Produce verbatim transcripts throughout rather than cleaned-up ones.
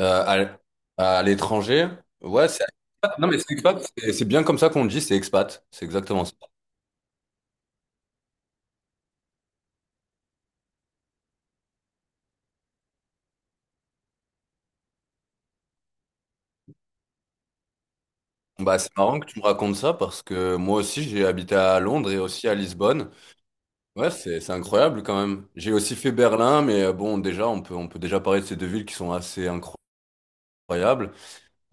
Euh, à l- à l'étranger, ouais, c'est expat. Non mais c'est expat, c'est c'est bien comme ça qu'on le dit, c'est expat, c'est exactement ça. Bon, Bah c'est marrant que tu me racontes ça parce que moi aussi j'ai habité à Londres et aussi à Lisbonne. Ouais, c'est c'est incroyable quand même. J'ai aussi fait Berlin, mais euh, bon déjà on peut on peut déjà parler de ces deux villes qui sont assez incroyables.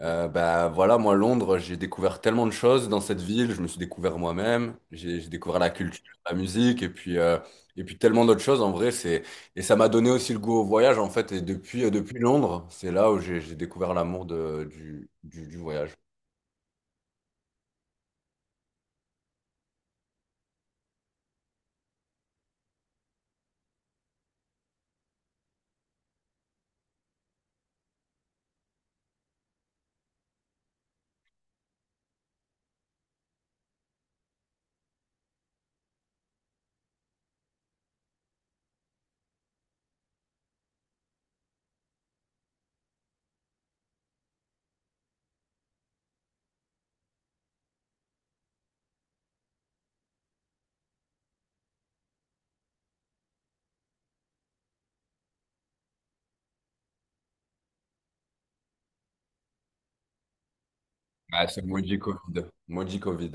Euh, bah voilà, moi Londres, j'ai découvert tellement de choses dans cette ville, je me suis découvert moi-même, j'ai j'ai découvert la culture, la musique et puis euh, et puis tellement d'autres choses en vrai, c'est et ça m'a donné aussi le goût au voyage en fait, et depuis euh, depuis Londres, c'est là où j'ai j'ai découvert l'amour de du, du du voyage. Ah, c'est le maudit Covid. Maudit Covid.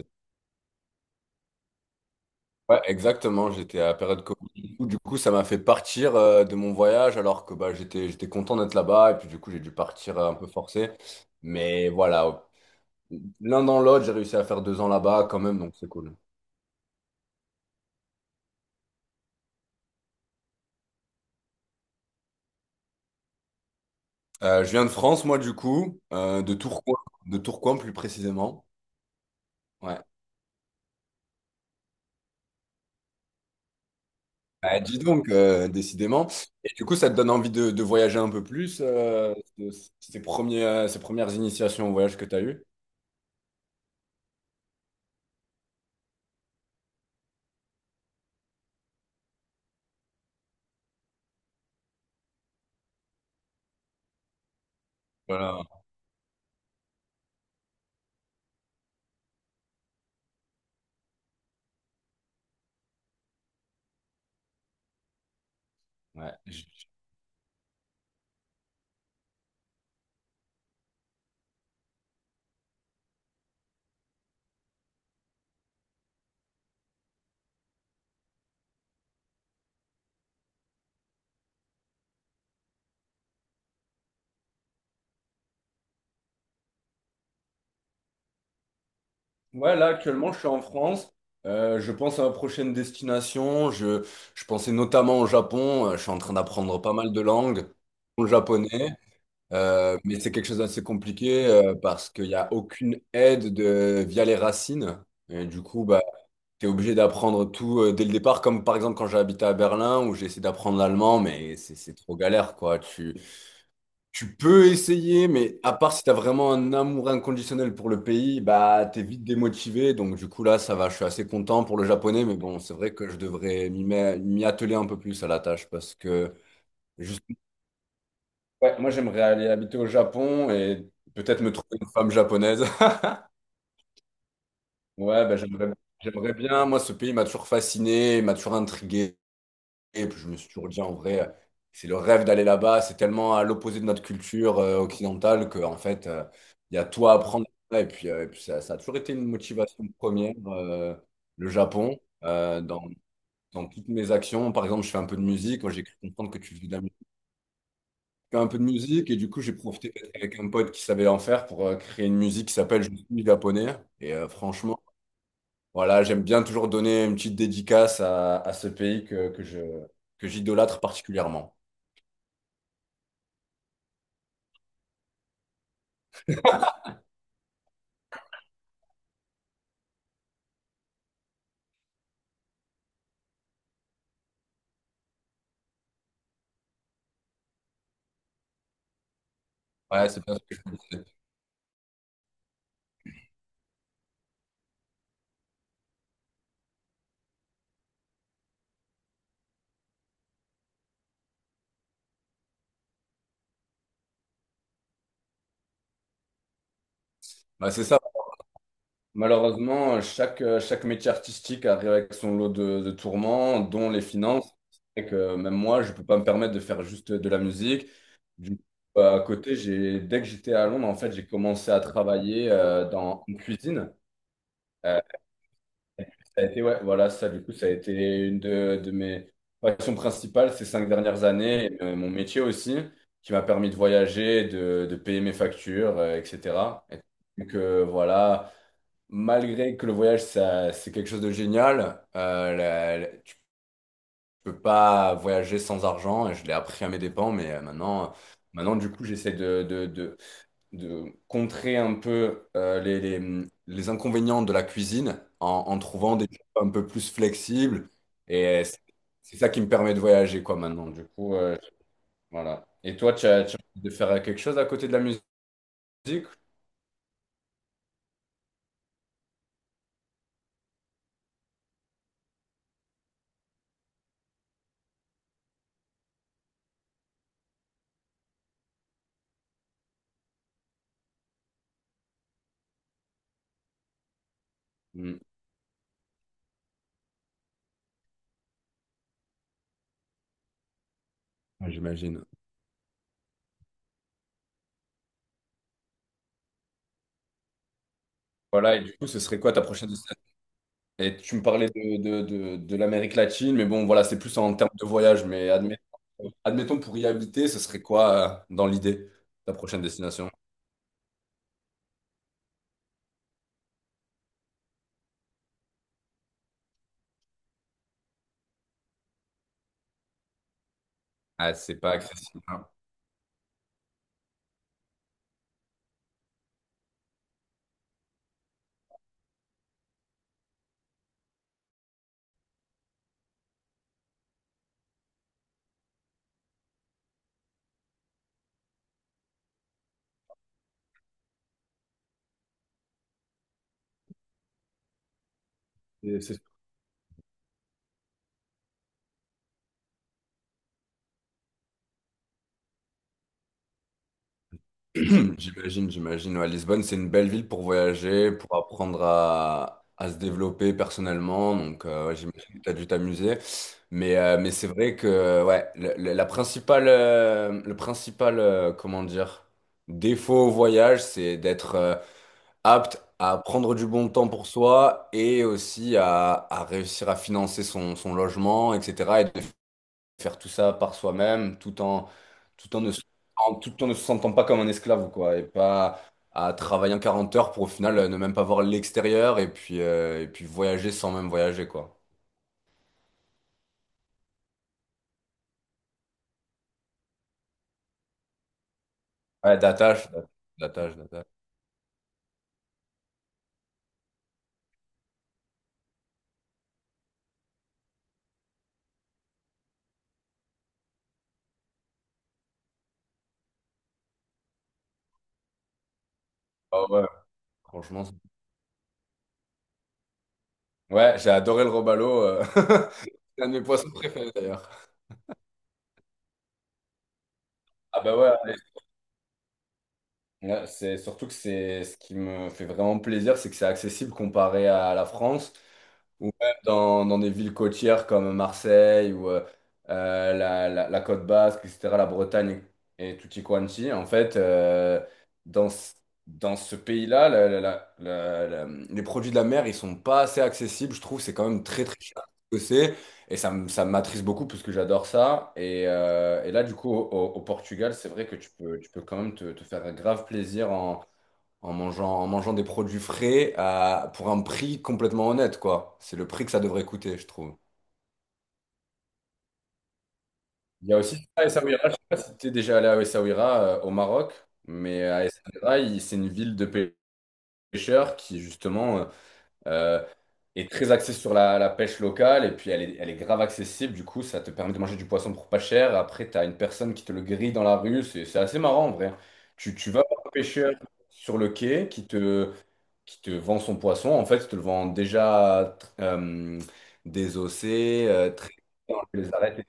Ouais, exactement, j'étais à la période Covid. Du coup, ça m'a fait partir euh, de mon voyage alors que bah, j'étais, j'étais content d'être là-bas et puis du coup, j'ai dû partir euh, un peu forcé. Mais voilà, l'un dans l'autre, j'ai réussi à faire deux ans là-bas quand même, donc c'est cool. Euh, je viens de France, moi, du coup, euh, de Tourcoing, de Tourcoing plus précisément. Ouais. Bah, dis donc, euh, décidément. Et du coup, ça te donne envie de, de voyager un peu plus, euh, de- ces premiers, euh, ces premières initiations au voyage que tu as eues. Voilà. Ouais. J- ouais, là, actuellement, je suis en France. Euh, je pense à ma prochaine destination. Je, je pensais notamment au Japon. Euh, je suis en train d'apprendre pas mal de langues, dont le japonais. Euh, mais c'est quelque chose d'assez compliqué euh, parce qu'il n'y a aucune aide de, via les racines. Et du coup, bah, tu es obligé d'apprendre tout euh, dès le départ, comme par exemple quand j'ai habité à Berlin où j'ai essayé d'apprendre l'allemand, mais c'est c'est trop galère, quoi. Tu, tu peux essayer, mais à part si tu as vraiment un amour inconditionnel pour le pays, bah, tu es vite démotivé. Donc du coup, là, ça va, je suis assez content pour le japonais, mais bon, c'est vrai que je devrais m'y met- m'y atteler un peu plus à la tâche parce que… Ouais, moi j'aimerais aller habiter au Japon et peut-être me trouver une femme japonaise. Ouais, bah, j'aimerais, j'aimerais bien. Moi, ce pays m'a toujours fasciné, m'a toujours intrigué. Et puis je me suis toujours dit, en vrai, c'est le rêve d'aller là-bas. C'est tellement à l'opposé de notre culture euh, occidentale que, en fait, euh, il y a tout à apprendre. Et puis, euh, et puis ça, ça a toujours été une motivation première, euh, le Japon, euh, dans, dans toutes mes actions. Par exemple, je fais un peu de musique. Moi, j'ai cru comprendre que tu faisais de la fait un peu de musique, et du coup j'ai profité d'être avec un pote qui savait en faire pour euh, créer une musique qui s'appelle Je suis japonais, et euh, franchement voilà, j'aime bien toujours donner une petite dédicace à, à ce pays que, que je que j'idolâtre particulièrement. Ouais, c'est bien ce que je me disais. Bah, c'est ça malheureusement, euh, chaque euh, chaque métier artistique arrive avec son lot de, de tourments dont les finances, et que même moi je peux pas me permettre de faire juste de la musique. Du coup, euh, à côté j'ai dès que j'étais à Londres en fait j'ai commencé à travailler euh, dans en cuisine. Euh, Ça a été, ouais, voilà, ça, du coup, ça a été une de, de mes passions principales ces cinq dernières années, et, euh, mon métier aussi, qui m'a permis de voyager, de, de payer mes factures, euh, et cetera. Et donc, euh, voilà, malgré que le voyage, ça, c'est quelque chose de génial, euh, la- la- tu peux pas voyager sans argent, et je l'ai appris à mes dépens, mais euh, maintenant, maintenant, du coup, j'essaie de, de, de de contrer un peu euh, les, les- les inconvénients de la cuisine en, en trouvant des choses un peu plus flexibles. Et c'est c'est ça qui me permet de voyager, quoi, maintenant. Du coup, euh, voilà. Et toi, tu as, tu as envie de faire quelque chose à côté de la musique? Hmm, j'imagine. Voilà, et du coup, ce serait quoi ta prochaine destination? Et tu me parlais de, de, de, de l'Amérique latine, mais bon, voilà, c'est plus en termes de voyage. Mais admettons, admettons pour y habiter, ce serait quoi, euh, dans l'idée, ta prochaine destination? Ah, c'est pas accessible, hein. C'est c'est J'imagine, j'imagine. Ouais, Lisbonne, c'est une belle ville pour voyager, pour apprendre à, à se développer personnellement. Donc, euh, ouais, j'imagine que tu as dû t'amuser. Mais, euh, mais c'est vrai que ouais, le- le- la principale, euh, le principal, euh, comment dire, défaut au voyage, c'est d'être euh, apte à prendre du bon temps pour soi, et aussi à, à réussir à financer son, son logement, etc., faire tout ça par soi-même, tout en, tout en ne, se- en- tout en ne se sentant pas comme un esclave, quoi, et pas à travailler en quarante heures pour au final euh, ne même pas voir l'extérieur et puis, euh, et puis voyager sans même voyager, quoi. Ouais, d'attache, d'attache, d'attache. Ah ouais, franchement. c'est- Ouais, j'ai adoré le robalo. euh, C'est un de mes poissons préférés d'ailleurs. Ah bah ouais, ouais, c'est surtout que c'est ce qui me fait vraiment plaisir, c'est que c'est accessible comparé à la France, ou même dans, dans des villes côtières comme Marseille ou euh, euh, la, la, la Côte Basque, et cetera, la Bretagne et tutti quanti, en fait, euh, dans, ce- dans ce pays-là, la- la- la- la- la- les produits de la mer, ils sont pas assez accessibles, je trouve, c'est quand même très très cher ce que c'est, et ça, me- ça m'attriste beaucoup parce que j'adore ça, et, euh, et là, du coup, au, au- au Portugal, c'est vrai que tu peux, tu peux quand même te, te faire grave plaisir en mangeant, en mangeant des produits frais à- pour un prix complètement honnête, quoi. C'est le prix que ça devrait coûter, je trouve. Il y a aussi ça à Essaouira, je sais pas si tu es déjà allé à Essaouira euh, au Maroc, mais à Essaouira, il- c'est une ville de pê- pêcheurs qui justement euh, euh, est très axée sur la, la pêche locale, et puis elle est, elle est grave accessible, du coup ça te permet de manger du poisson pour pas cher. Après, tu as une personne qui te le grille dans la rue, c'est c'est assez marrant en vrai. Tu, tu vas voir un pêcheur sur le quai qui te, qui te vend son poisson, en fait, il te le vend déjà euh, désossé, euh, très les arêtes.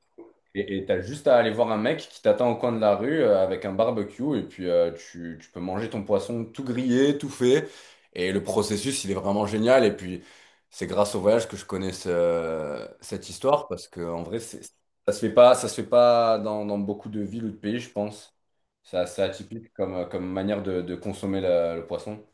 Et tu as juste à aller voir un mec qui t'attend au coin de la rue euh, avec un barbecue, et puis euh, tu, tu peux manger ton poisson tout grillé, tout fait. Et le processus, il est vraiment génial. Et puis, c'est grâce au voyage que je connais ce- cette histoire, parce que en vrai, c'est- ça se fait pas, ça se fait pas dans, dans beaucoup de villes ou de pays, je pense. C'est assez atypique comme, comme manière de, de consommer la- le poisson.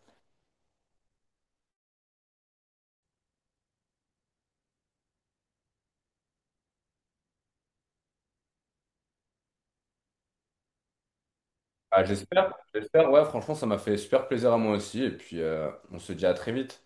Ah, j'espère, j'espère, ouais, franchement, ça m'a fait super plaisir à moi aussi. Et puis, euh, on se dit à très vite.